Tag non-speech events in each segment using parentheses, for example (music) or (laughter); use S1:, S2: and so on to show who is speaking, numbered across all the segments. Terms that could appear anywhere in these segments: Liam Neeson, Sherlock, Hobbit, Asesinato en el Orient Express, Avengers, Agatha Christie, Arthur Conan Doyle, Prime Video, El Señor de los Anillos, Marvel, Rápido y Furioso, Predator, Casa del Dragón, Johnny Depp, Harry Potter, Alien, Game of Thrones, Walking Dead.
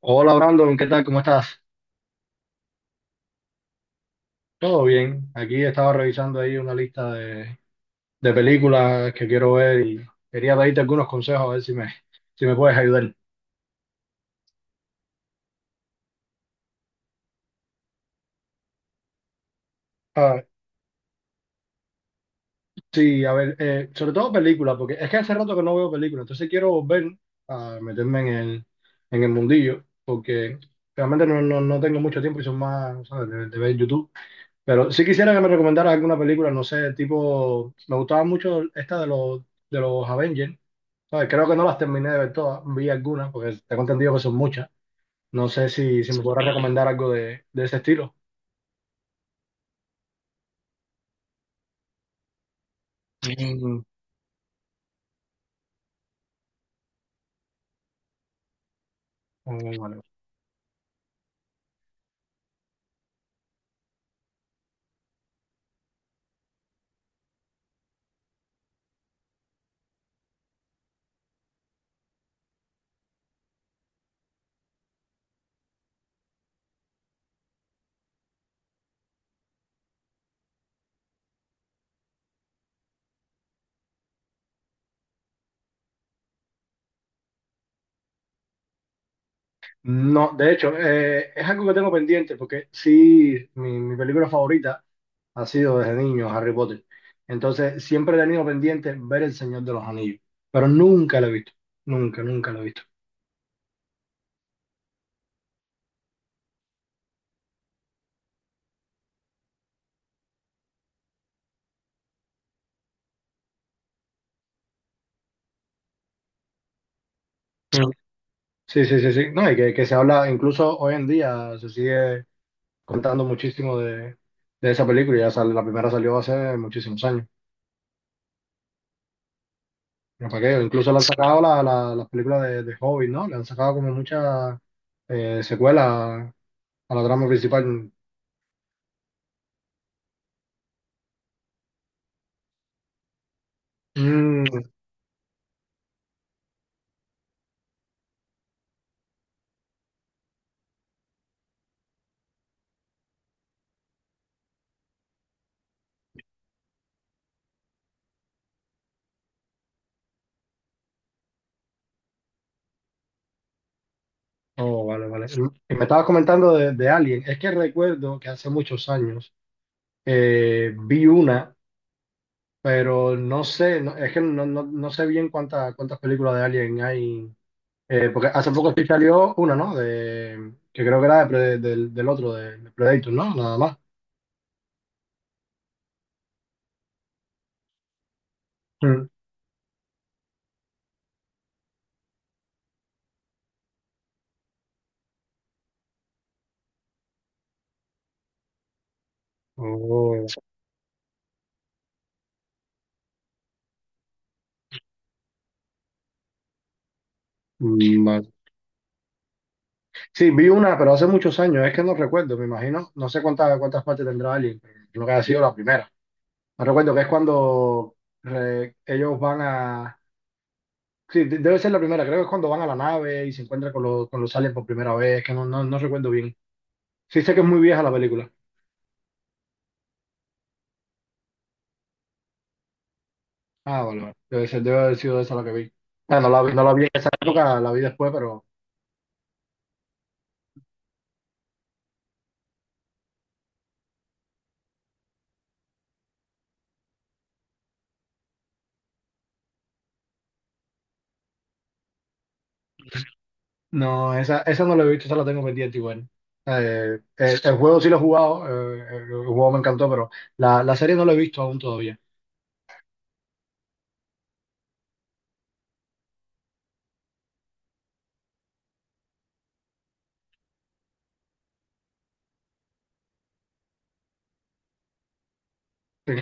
S1: Hola Brandon, ¿qué tal? ¿Cómo estás? Todo bien. Aquí estaba revisando ahí una lista de películas que quiero ver y quería pedirte algunos consejos a ver si me puedes ayudar. Ah, sí, a ver, sobre todo películas, porque es que hace rato que no veo películas, entonces quiero volver a meterme en el mundillo, porque realmente no tengo mucho tiempo y son más, ¿sabes? De ver YouTube. Pero sí quisiera que me recomendaras alguna película, no sé, tipo, me gustaba mucho de los Avengers. No, y creo que no las terminé de ver todas, vi algunas, porque tengo entendido que son muchas. No sé si me podrás recomendar algo de ese estilo. Un- un- No, de hecho, es algo que tengo pendiente, porque sí, mi película favorita ha sido desde niño Harry Potter. Entonces, siempre he tenido pendiente ver El Señor de los Anillos, pero nunca lo he visto, nunca lo he visto. Mm. Sí, sí, sí, sí. No, y que se habla, incluso hoy en día se sigue contando muchísimo de esa película. La primera salió hace muchísimos años. Ya pa' qué, incluso le han sacado las películas de Hobbit, ¿no? Le han sacado como muchas secuelas a la trama principal. Mm, oh, vale, vale. Y me estabas comentando de Alien. Es que recuerdo que hace muchos años vi una, pero no sé, no- es que no, no, no sé bien cuántas películas de Alien hay. Porque hace poco sí salió una, ¿no? Que creo que era de Pre- del, del otro, de Predator, ¿no? Nada más. Mm. Oh, mm, vale. Sí, vi una, pero hace muchos años, es que no recuerdo, me imagino, no sé cuántas partes tendrá Alien, pero creo que ha sido la primera. No recuerdo que es cuando ellos van a... Sí, debe ser la primera, creo que es cuando van a la nave y se encuentran con con los aliens por primera vez, que no recuerdo bien. Sí sé que es muy vieja la película. Ah, vale, vale. Debe ser, debe haber sido esa la que vi. Ah, no la vi, no la vi en esa época, la vi después, pero... No, esa no la he visto, esa la tengo pendiente igual. El juego sí lo he jugado, el juego me encantó, pero la serie no la he visto aún todavía. Sí,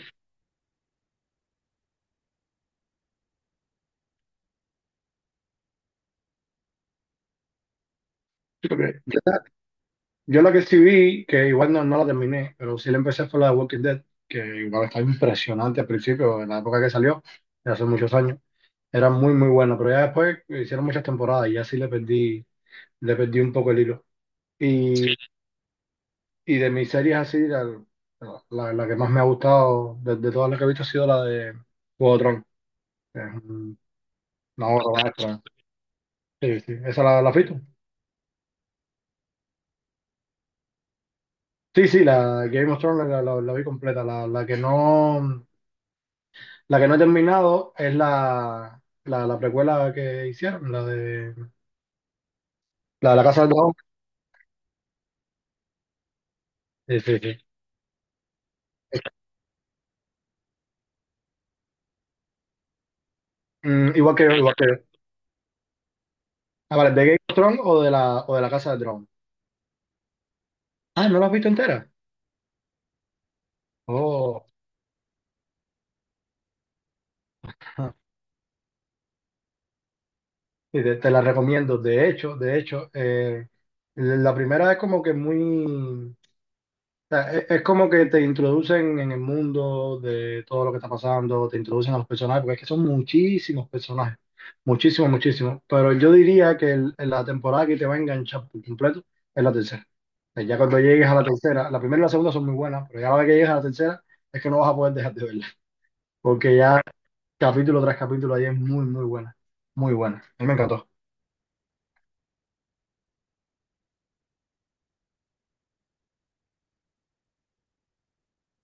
S1: sí, porque yo la que sí vi, que igual no, no la terminé, pero sí la empecé fue la de Walking Dead, que igual estaba impresionante al principio, en la época que salió, de hace muchos años. Era muy, muy buena, pero ya después hicieron muchas temporadas y ya sí le perdí un poco el hilo. Y Y de mis series así, la que más me ha gustado de todas las que he visto ha sido la de Juego de Tronos. que Es un- una obra maestra. Sí, sí. ¿Esa la has visto? Sí, sí, la Game of Thrones la vi completa. La que no, la que no he terminado es la precuela que hicieron, la, de la Casa del Dragón. Sí, sí, sí. Mm, igual que yo, igual que yo. Ah, vale, ¿de Game of Thrones o de o de la Casa del Dragón? Ah, ¿no la has visto entera? Oh. Te la recomiendo. De hecho, la primera es como que muy, o sea, es, como que te introducen en el mundo de todo lo que está pasando, te introducen a los personajes, porque es que son muchísimos personajes, muchísimos, muchísimos. Pero yo diría que la temporada que te va a enganchar por completo es la tercera. O sea, ya cuando llegues a la tercera, la primera y la segunda son muy buenas, pero ya la vez que llegues a la tercera es que no vas a poder dejar de verla, porque ya capítulo tras capítulo ahí es muy, muy buena, muy buena. A mí me encantó.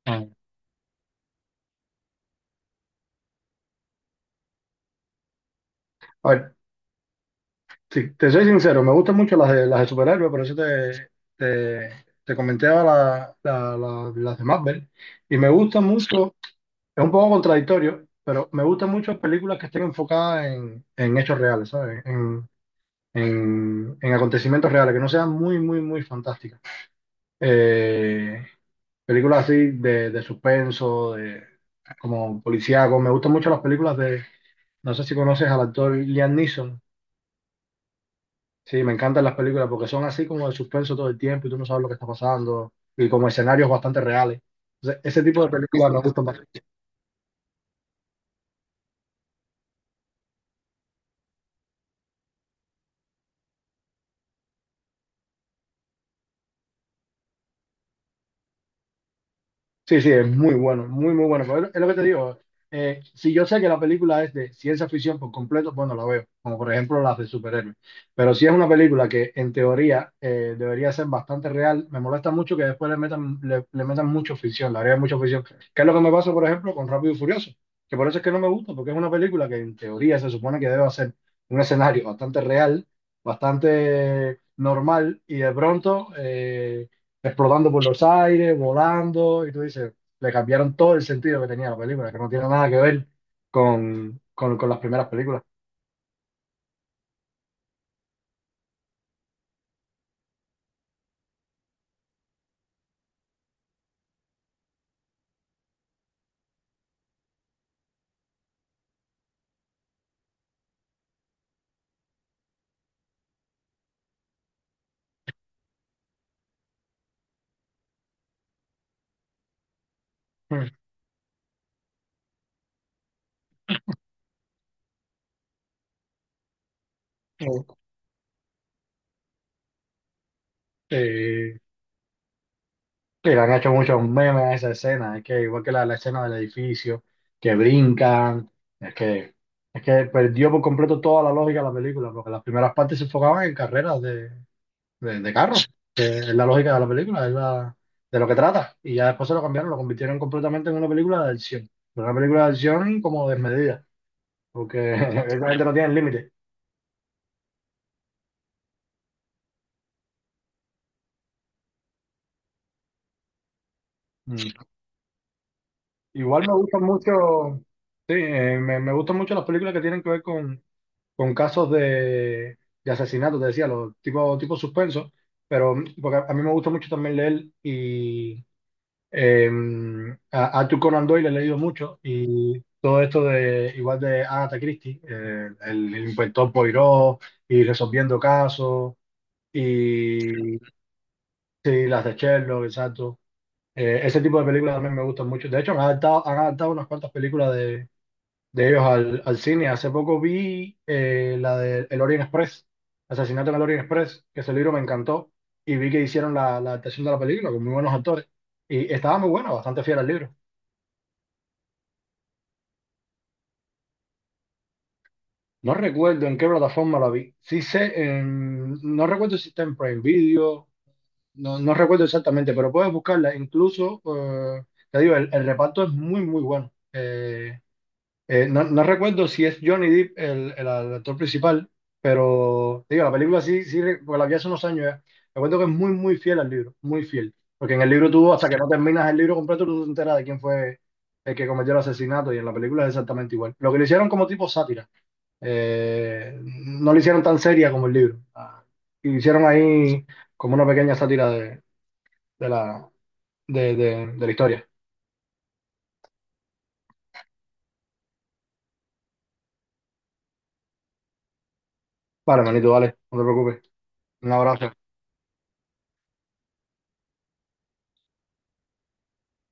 S1: Ah. A ver, sí, te soy sincero, me gustan mucho las de superhéroes, por eso te, te comenté a la- la- la- las de Marvel. Y me gusta mucho, es un poco contradictorio, pero me gustan mucho películas que estén enfocadas en hechos reales, ¿sabes? En acontecimientos reales, que no sean muy, muy, muy fantásticas. Eh, Películas así de suspenso, de, como policíaco. Me gustan mucho las películas de, no sé si conoces al actor Liam Neeson. Sí, me encantan las películas porque son así como de suspenso todo el tiempo y tú no sabes lo que está pasando y como escenarios bastante reales. Entonces, ese tipo de películas me gustan bastante. Sí, sí, es muy bueno, muy, muy bueno. Pero es lo que te digo. Si yo sé que la película es de ciencia ficción por completo, bueno, la veo, como por ejemplo las de superhéroes. Pero si es una película que en teoría debería ser bastante real, me molesta mucho que después le metan mucho ficción, le haría mucha ficción. Que es lo que me pasa, por ejemplo, con Rápido y Furioso. Que por eso es que no me gusta, porque es una película que en teoría se supone que debe ser un escenario bastante real, bastante normal, y de pronto... explotando por los aires, volando, y tú dices, le cambiaron todo el sentido que tenía la película, que no tiene nada que ver con las primeras películas. Mm. (laughs) Mm. Eh, y le han hecho muchos memes a esa escena, es que igual que la escena del edificio, que brincan, es que, es que perdió por completo toda la lógica de la película, porque las primeras partes se enfocaban en carreras de carros que es la lógica de la película, es la, de lo que trata. Y ya después se lo cambiaron, lo convirtieron completamente en una película de acción. Pero una película de acción como desmedida, porque (laughs) esa gente no tiene límite. Mm. Igual me gustan mucho, sí, me gustan mucho las películas que tienen que ver con casos de asesinato, te decía, los tipo, tipo suspenso, pero porque a mí me gusta mucho también leer y Eh, a Arthur Conan Doyle he leído mucho y todo esto de igual de Agatha Christie, el inspector Poirot y resolviendo casos y sí, las de Sherlock, exacto. Ese tipo de películas también me gustan mucho. De hecho, han adaptado unas cuantas películas de ellos al cine. Hace poco vi la de El Orient Express, Asesinato en el Orient Express, que ese libro me encantó y vi que hicieron la adaptación de la película con muy buenos actores y estaba muy bueno, bastante fiel al libro. No recuerdo en qué plataforma la vi. Sí sé, no recuerdo si está en Prime Video, no, no recuerdo exactamente, pero puedes buscarla. Incluso, te digo, el reparto es muy, muy bueno. No, no recuerdo si es Johnny Depp el actor principal, pero te digo, la película porque la vi hace unos años ya. Recuerdo que es muy, muy fiel al libro, muy fiel. Porque en el libro tú, hasta que no terminas el libro completo, tú no te enteras de quién fue el que cometió el asesinato y en la película es exactamente igual. Lo que le hicieron como tipo sátira no lo hicieron tan seria como el libro. Ah, hicieron ahí como una pequeña sátira de la, de la historia. Vale, manito, vale, no te preocupes. Un abrazo.